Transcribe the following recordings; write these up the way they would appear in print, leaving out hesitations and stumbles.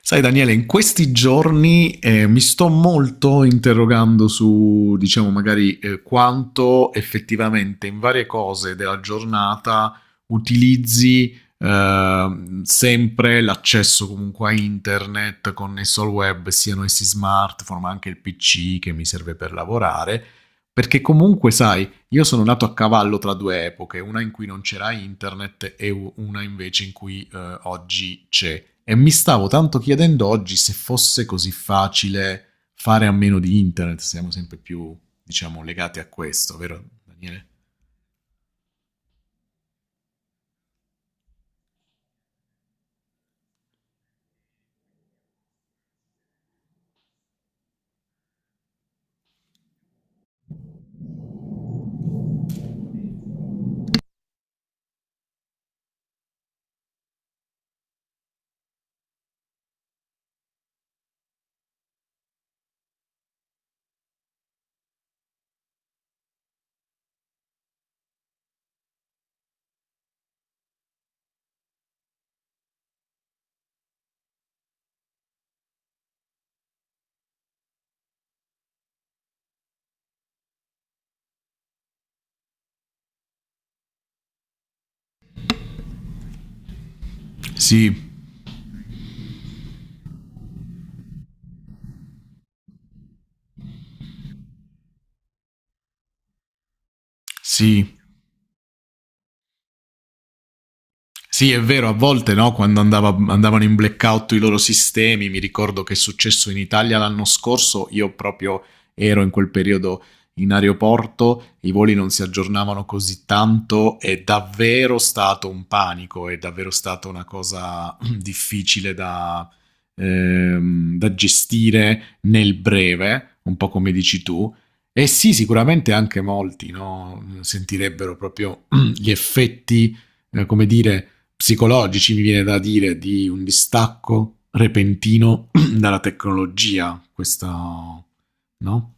Sai Daniele, in questi giorni mi sto molto interrogando su, diciamo, magari quanto effettivamente in varie cose della giornata utilizzi sempre l'accesso comunque a internet connesso al web, siano essi smartphone, ma anche il PC che mi serve per lavorare, perché comunque, sai, io sono nato a cavallo tra due epoche, una in cui non c'era internet e una invece in cui oggi c'è. E mi stavo tanto chiedendo oggi se fosse così facile fare a meno di internet, siamo sempre più, diciamo, legati a questo, vero Daniele? Sì, sì. Sì, è vero, a volte no, quando andavano in blackout i loro sistemi, mi ricordo che è successo in Italia l'anno scorso, io proprio ero in quel periodo in aeroporto, i voli non si aggiornavano così tanto, è davvero stato un panico, è davvero stata una cosa difficile da, da gestire nel breve, un po' come dici tu. E sì, sicuramente anche molti no, sentirebbero proprio gli effetti come dire, psicologici, mi viene da dire, di un distacco repentino dalla tecnologia. Questa, no?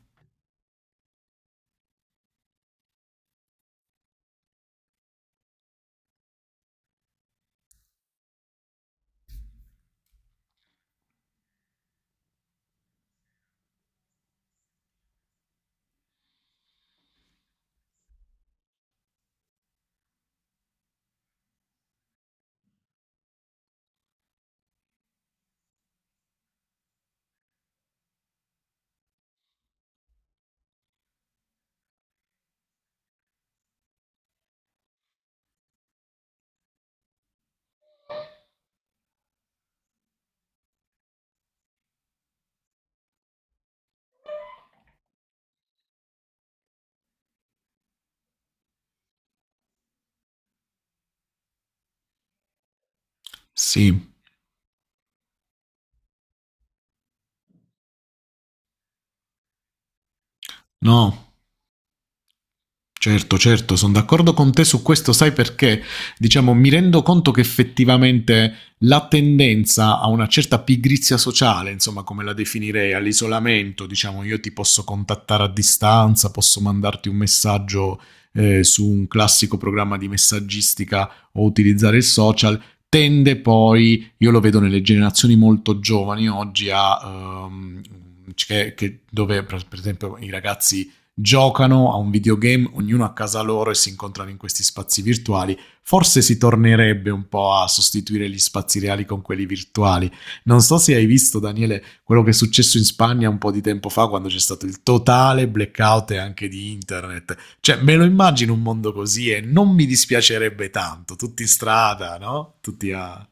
Sì, no. Certo, certo, sono d'accordo con te su questo, sai perché? Diciamo, mi rendo conto che effettivamente la tendenza a una certa pigrizia sociale, insomma, come la definirei, all'isolamento, diciamo, io ti posso contattare a distanza, posso mandarti un messaggio su un classico programma di messaggistica o utilizzare il social, tende poi, io lo vedo nelle generazioni molto giovani oggi, a... dove per esempio i ragazzi giocano a un videogame, ognuno a casa loro e si incontrano in questi spazi virtuali. Forse si tornerebbe un po' a sostituire gli spazi reali con quelli virtuali. Non so se hai visto, Daniele, quello che è successo in Spagna un po' di tempo fa quando c'è stato il totale blackout anche di internet. Cioè, me lo immagino un mondo così e non mi dispiacerebbe tanto, tutti in strada, no? Tutti a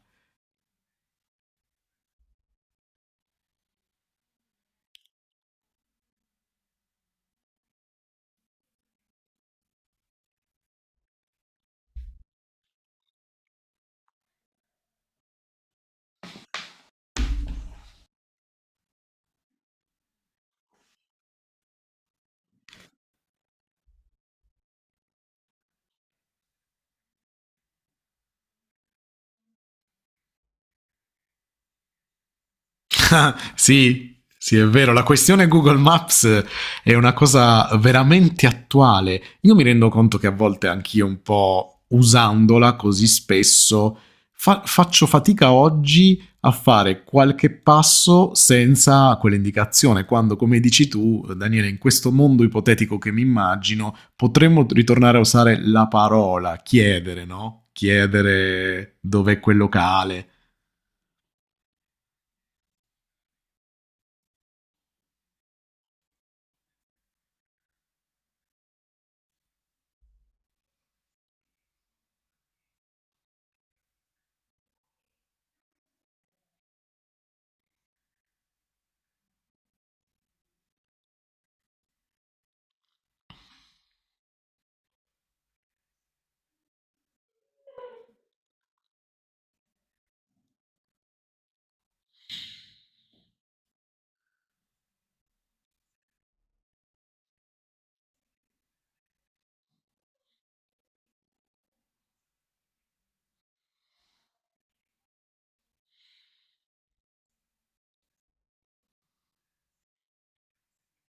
sì, sì, è vero, la questione Google Maps è una cosa veramente attuale. Io mi rendo conto che a volte anch'io un po' usandola così spesso faccio fatica oggi a fare qualche passo senza quell'indicazione, quando come dici tu, Daniele, in questo mondo ipotetico che mi immagino, potremmo ritornare a usare la parola chiedere, no? Chiedere dov'è quel locale.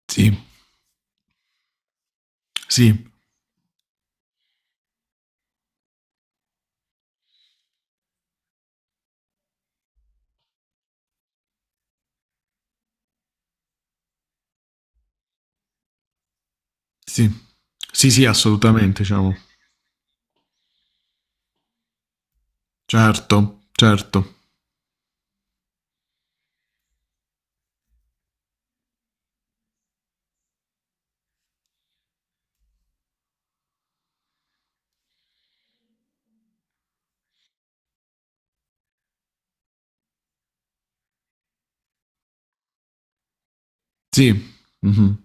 Sì, sì. Sì, sì, sì, assolutamente, diciamo. Certo, certo. Sì. Mhm.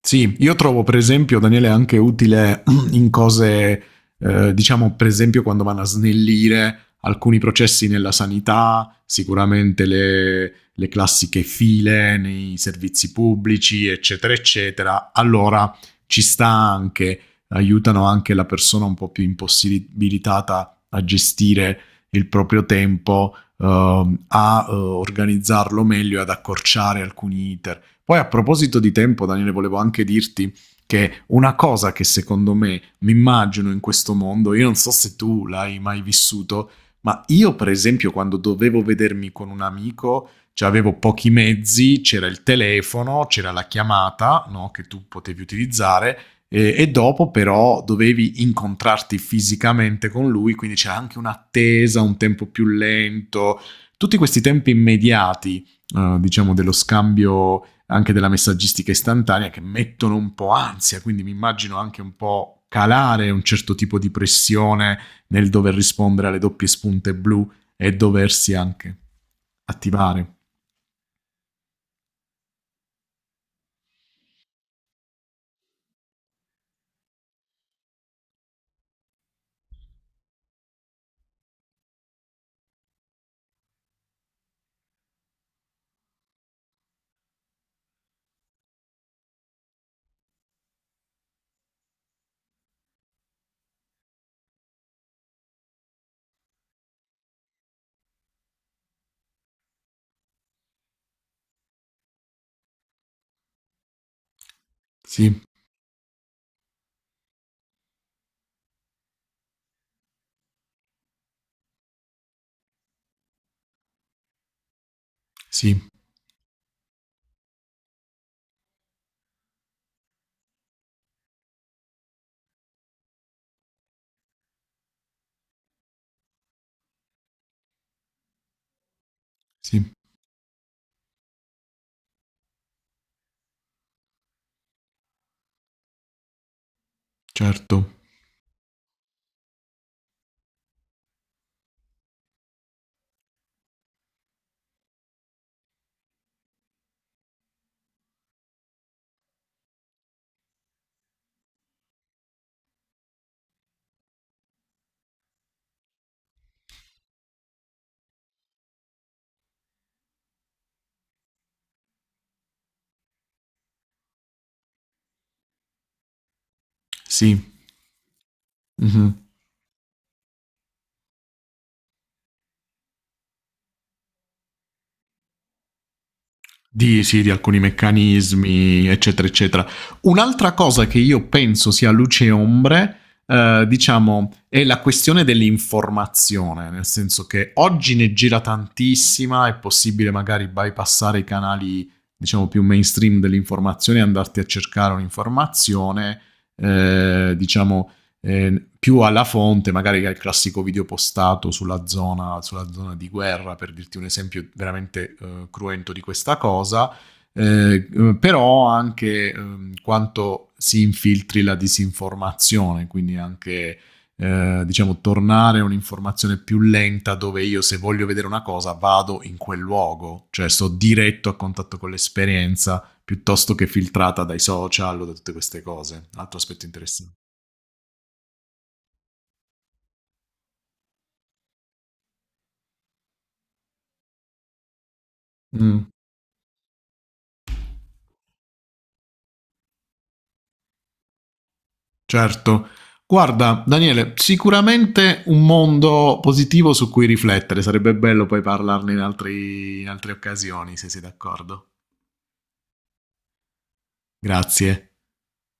Sì, io trovo per esempio, Daniele, anche utile in cose, diciamo per esempio quando vanno a snellire alcuni processi nella sanità, sicuramente le classiche file nei servizi pubblici, eccetera, eccetera. Allora ci sta anche, aiutano anche la persona un po' più impossibilitata a gestire il proprio tempo, a organizzarlo meglio e ad accorciare alcuni iter. Poi a proposito di tempo, Daniele, volevo anche dirti che una cosa che secondo me mi immagino in questo mondo, io non so se tu l'hai mai vissuto, ma io per esempio quando dovevo vedermi con un amico, cioè avevo pochi mezzi, c'era il telefono, c'era la chiamata no, che tu potevi utilizzare e dopo però dovevi incontrarti fisicamente con lui, quindi c'era anche un'attesa, un tempo più lento, tutti questi tempi immediati, diciamo, dello scambio anche della messaggistica istantanea che mettono un po' ansia, quindi mi immagino anche un po' calare un certo tipo di pressione nel dover rispondere alle doppie spunte blu e doversi anche attivare. Sì, sì, sì, certo, sì. Mm-hmm. Di, sì, di alcuni meccanismi, eccetera, eccetera. Un'altra cosa che io penso sia luce e ombre, diciamo, è la questione dell'informazione, nel senso che oggi ne gira tantissima, è possibile magari bypassare i canali, diciamo, più mainstream dell'informazione e andarti a cercare un'informazione, eh, diciamo, più alla fonte, magari che al classico video postato sulla zona di guerra, per dirti un esempio veramente cruento di questa cosa, eh, però anche quanto si infiltri la disinformazione, quindi anche... diciamo, tornare a un'informazione più lenta dove io se voglio vedere una cosa vado in quel luogo, cioè sto diretto a contatto con l'esperienza piuttosto che filtrata dai social o da tutte queste cose. Un altro aspetto interessante. Mm. Certo. Guarda, Daniele, sicuramente un mondo positivo su cui riflettere. Sarebbe bello poi parlarne in in altre occasioni, se sei d'accordo. Grazie.